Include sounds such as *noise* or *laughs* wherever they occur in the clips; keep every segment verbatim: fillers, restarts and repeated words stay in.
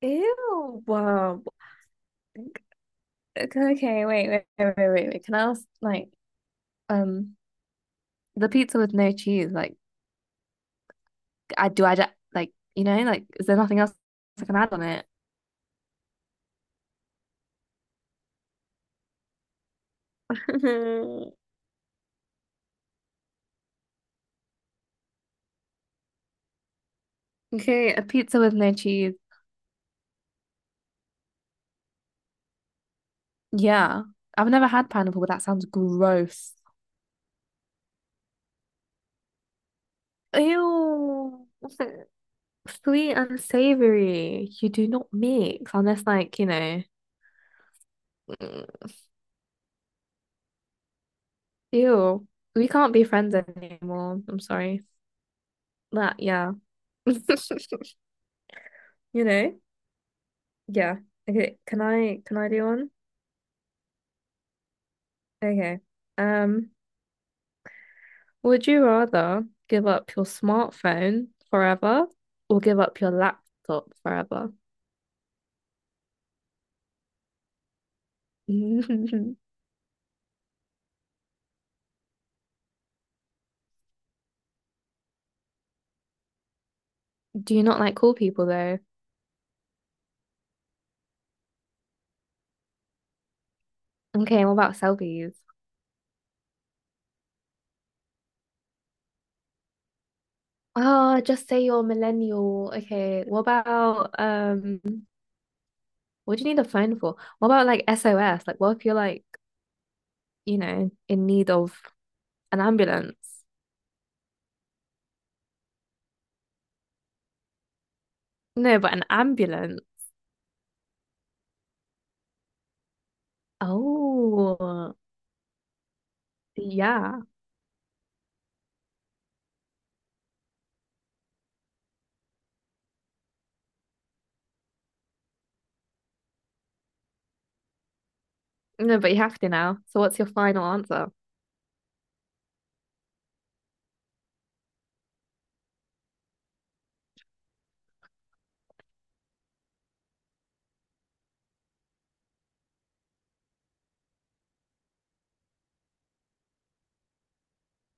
Ew. Wow. Okay, okay, wait, wait, wait, wait, wait. wait. Can I ask, like, um, the pizza with no cheese? Like, I do I ju- like, you know, like, is there nothing else I can add on it? *laughs* Okay, a pizza with no cheese. Yeah, I've never had pineapple, but that sounds gross. Ew. *laughs* Sweet and savory. You do not mix unless, like, you know, mm, ew. We can't be friends anymore. I'm sorry. That, yeah. *laughs* You know? Yeah. Okay. Can I can I do one? Okay. Um, would you rather give up your smartphone forever or give up your laptop forever? *laughs* Do you not like cool people though? Okay, what about selfies? Oh, just say you're a millennial. Okay, what about um what do you need a phone for? What about like S O S? Like what if you're like, you know, in need of an ambulance? No, but an ambulance. Oh, yeah. No, but you have to now. So what's your final answer?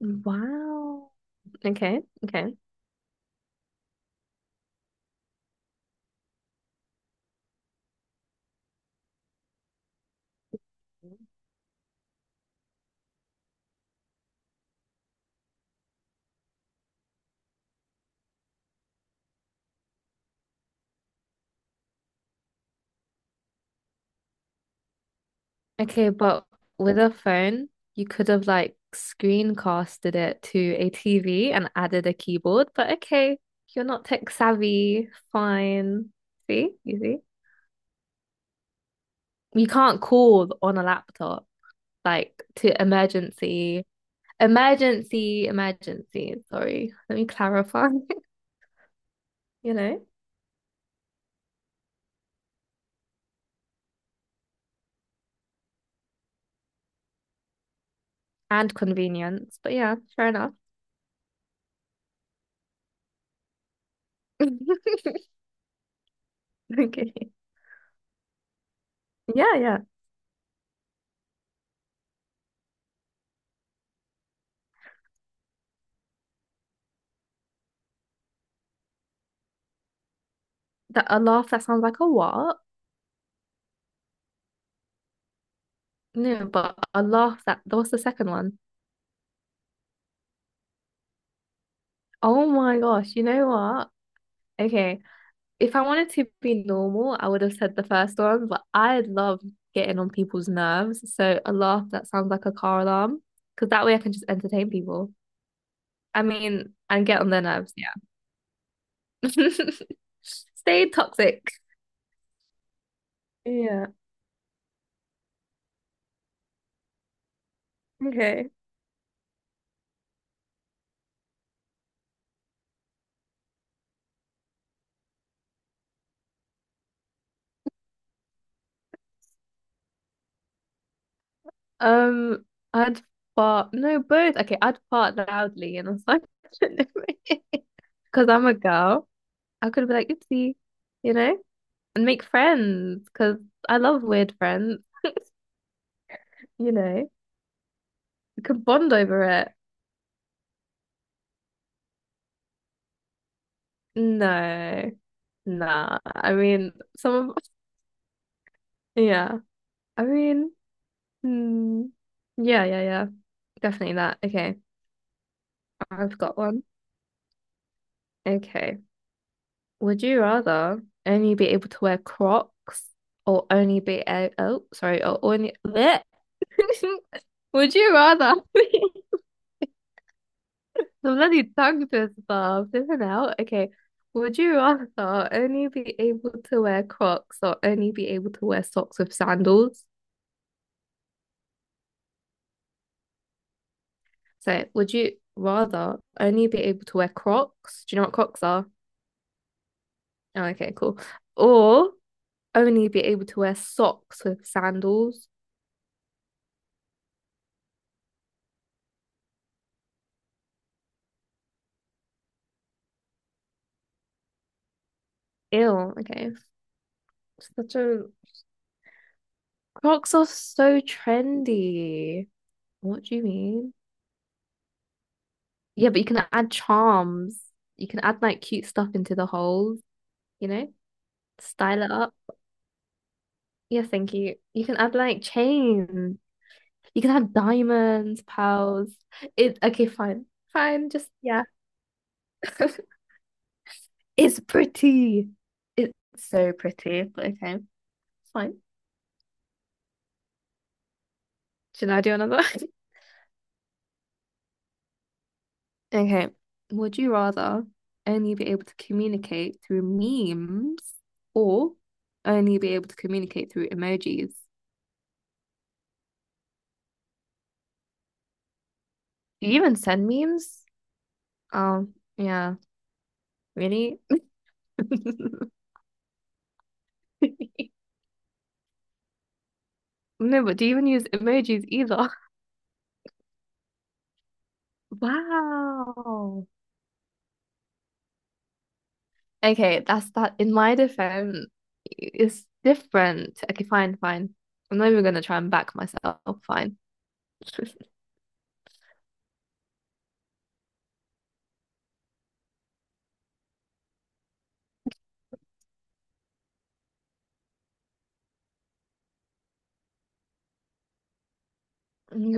Wow. Okay. Okay. Okay, but with a phone, you could have like screencasted it to a T V and added a keyboard, but okay, you're not tech savvy. Fine. See? You see? You can't call on a laptop like to emergency, emergency, emergency. Sorry. Let me clarify, *laughs* you know, and convenience. But yeah, fair enough. *laughs* *laughs* Okay. Yeah, yeah. That a laugh that sounds like a what? No, but a laugh that that was the second one. Oh my gosh, you know what? Okay. If I wanted to be normal, I would have said the first one, but I love getting on people's nerves. So a laugh that sounds like a car alarm, because that way I can just entertain people. I mean, and get on their nerves, yeah. *laughs* Stay toxic. Yeah. Okay. Um, I'd fart. No, both. Okay, I'd fart loudly and I was like, *laughs* because I'm a girl, I could be like, oopsie, you know, and make friends because I love weird friends, you know, we could bond over it. No, nah. I mean, some of, *laughs* yeah, I mean, hmm. Yeah, yeah, yeah, definitely that. Okay, I've got one. Okay. Would you rather only be able to wear Crocs or only be a oh sorry or only bleh. *laughs* Would you rather *laughs* the bloody tongue twister flipping out okay would you rather only be able to wear Crocs or only be able to wear socks with sandals so would you rather only be able to wear Crocs do you know what Crocs are oh okay cool or only be able to wear socks with sandals. Ew, okay. Such a Crocs are so trendy. What do you mean? Yeah, but you can add charms. You can add like cute stuff into the holes, you know? Style it up. Yeah, thank you. You can add like chains. You can add diamonds, pearls. It okay, fine. Fine, just yeah. *laughs* It's pretty. It's so pretty, but okay, fine. Should I do another? *laughs* Okay. Would you rather only be able to communicate through memes or only be able to communicate through emojis? Do you even send memes? Oh, yeah. Really? *laughs* No, but do you even use emojis either? *laughs* Wow. Okay, that's that. In my defense, it's different. Okay, fine, fine. I'm not even gonna try and back myself. Fine. *laughs*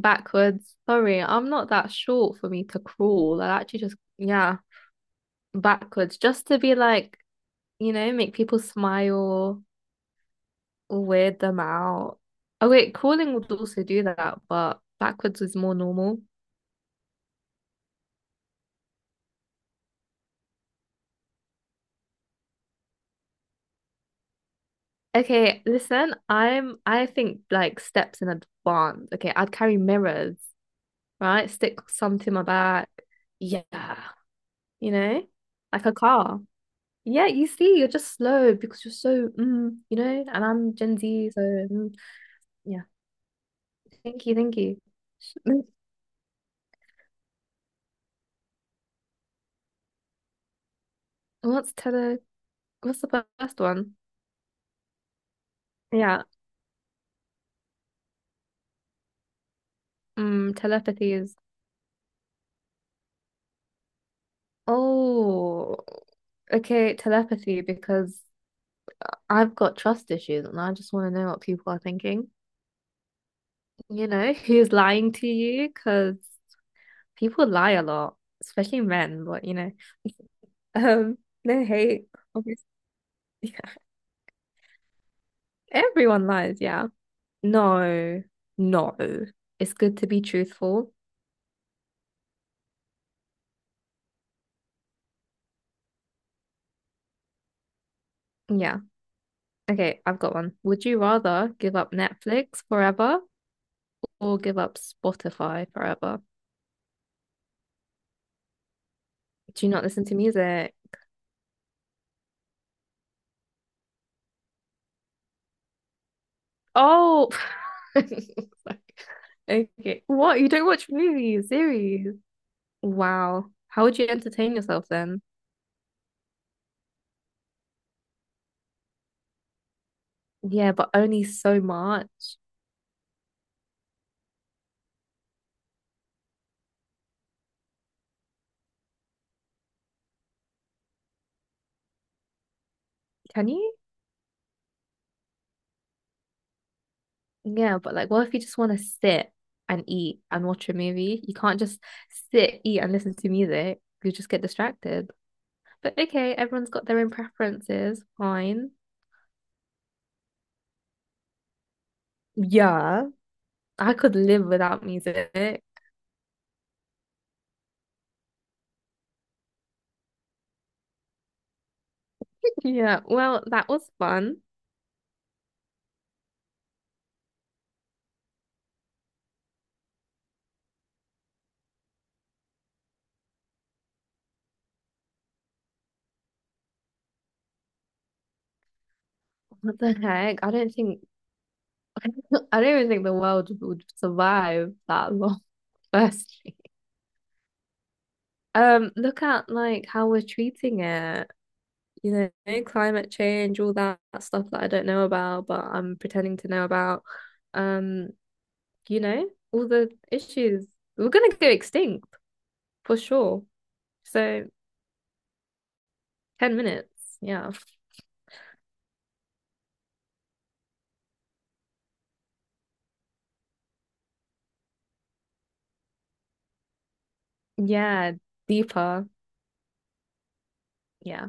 Backwards. Sorry, I'm not that short for me to crawl. I actually just, yeah, backwards, just to be like, you know, make people smile or weird them out. Oh, wait, crawling would also do that, but backwards is more normal. Okay, listen, I'm I think like steps in advance. Okay, I'd carry mirrors, right? Stick some to my back. Yeah, you know, like a car. Yeah, you see, you're just slow because you're so, mm, you know, and I'm Gen Z, so mm, yeah. Thank you, thank you. *laughs* What's tele? What's the first one? Yeah, mm, telepathy is. Oh, okay, telepathy because I've got trust issues and I just want to know what people are thinking. You know, who's lying to you? Because people lie a lot, especially men, but you know, *laughs* um, no hate, obviously. *laughs* Yeah. Everyone lies, yeah. No, no. It's good to be truthful. Yeah. Okay, I've got one. Would you rather give up Netflix forever or give up Spotify forever? Do you not listen to music? Oh, *laughs* Sorry. Okay. What? You don't watch movies, series? Wow. How would you entertain yourself then? Yeah, but only so much. Can you? Yeah, but like, what if you just want to sit and eat and watch a movie? You can't just sit, eat, and listen to music. You just get distracted. But okay, everyone's got their own preferences. Fine. Yeah, I could live without music. Yeah, well, that was fun. What the heck? I don't think, *laughs* I don't even think the world would survive that long, *laughs* firstly. Um, look at like how we're treating it, you know, climate change, all that stuff that I don't know about, but I'm pretending to know about. Um, you know, all the issues. We're gonna go extinct for sure. So ten minutes, yeah. Yeah, deeper. Yeah.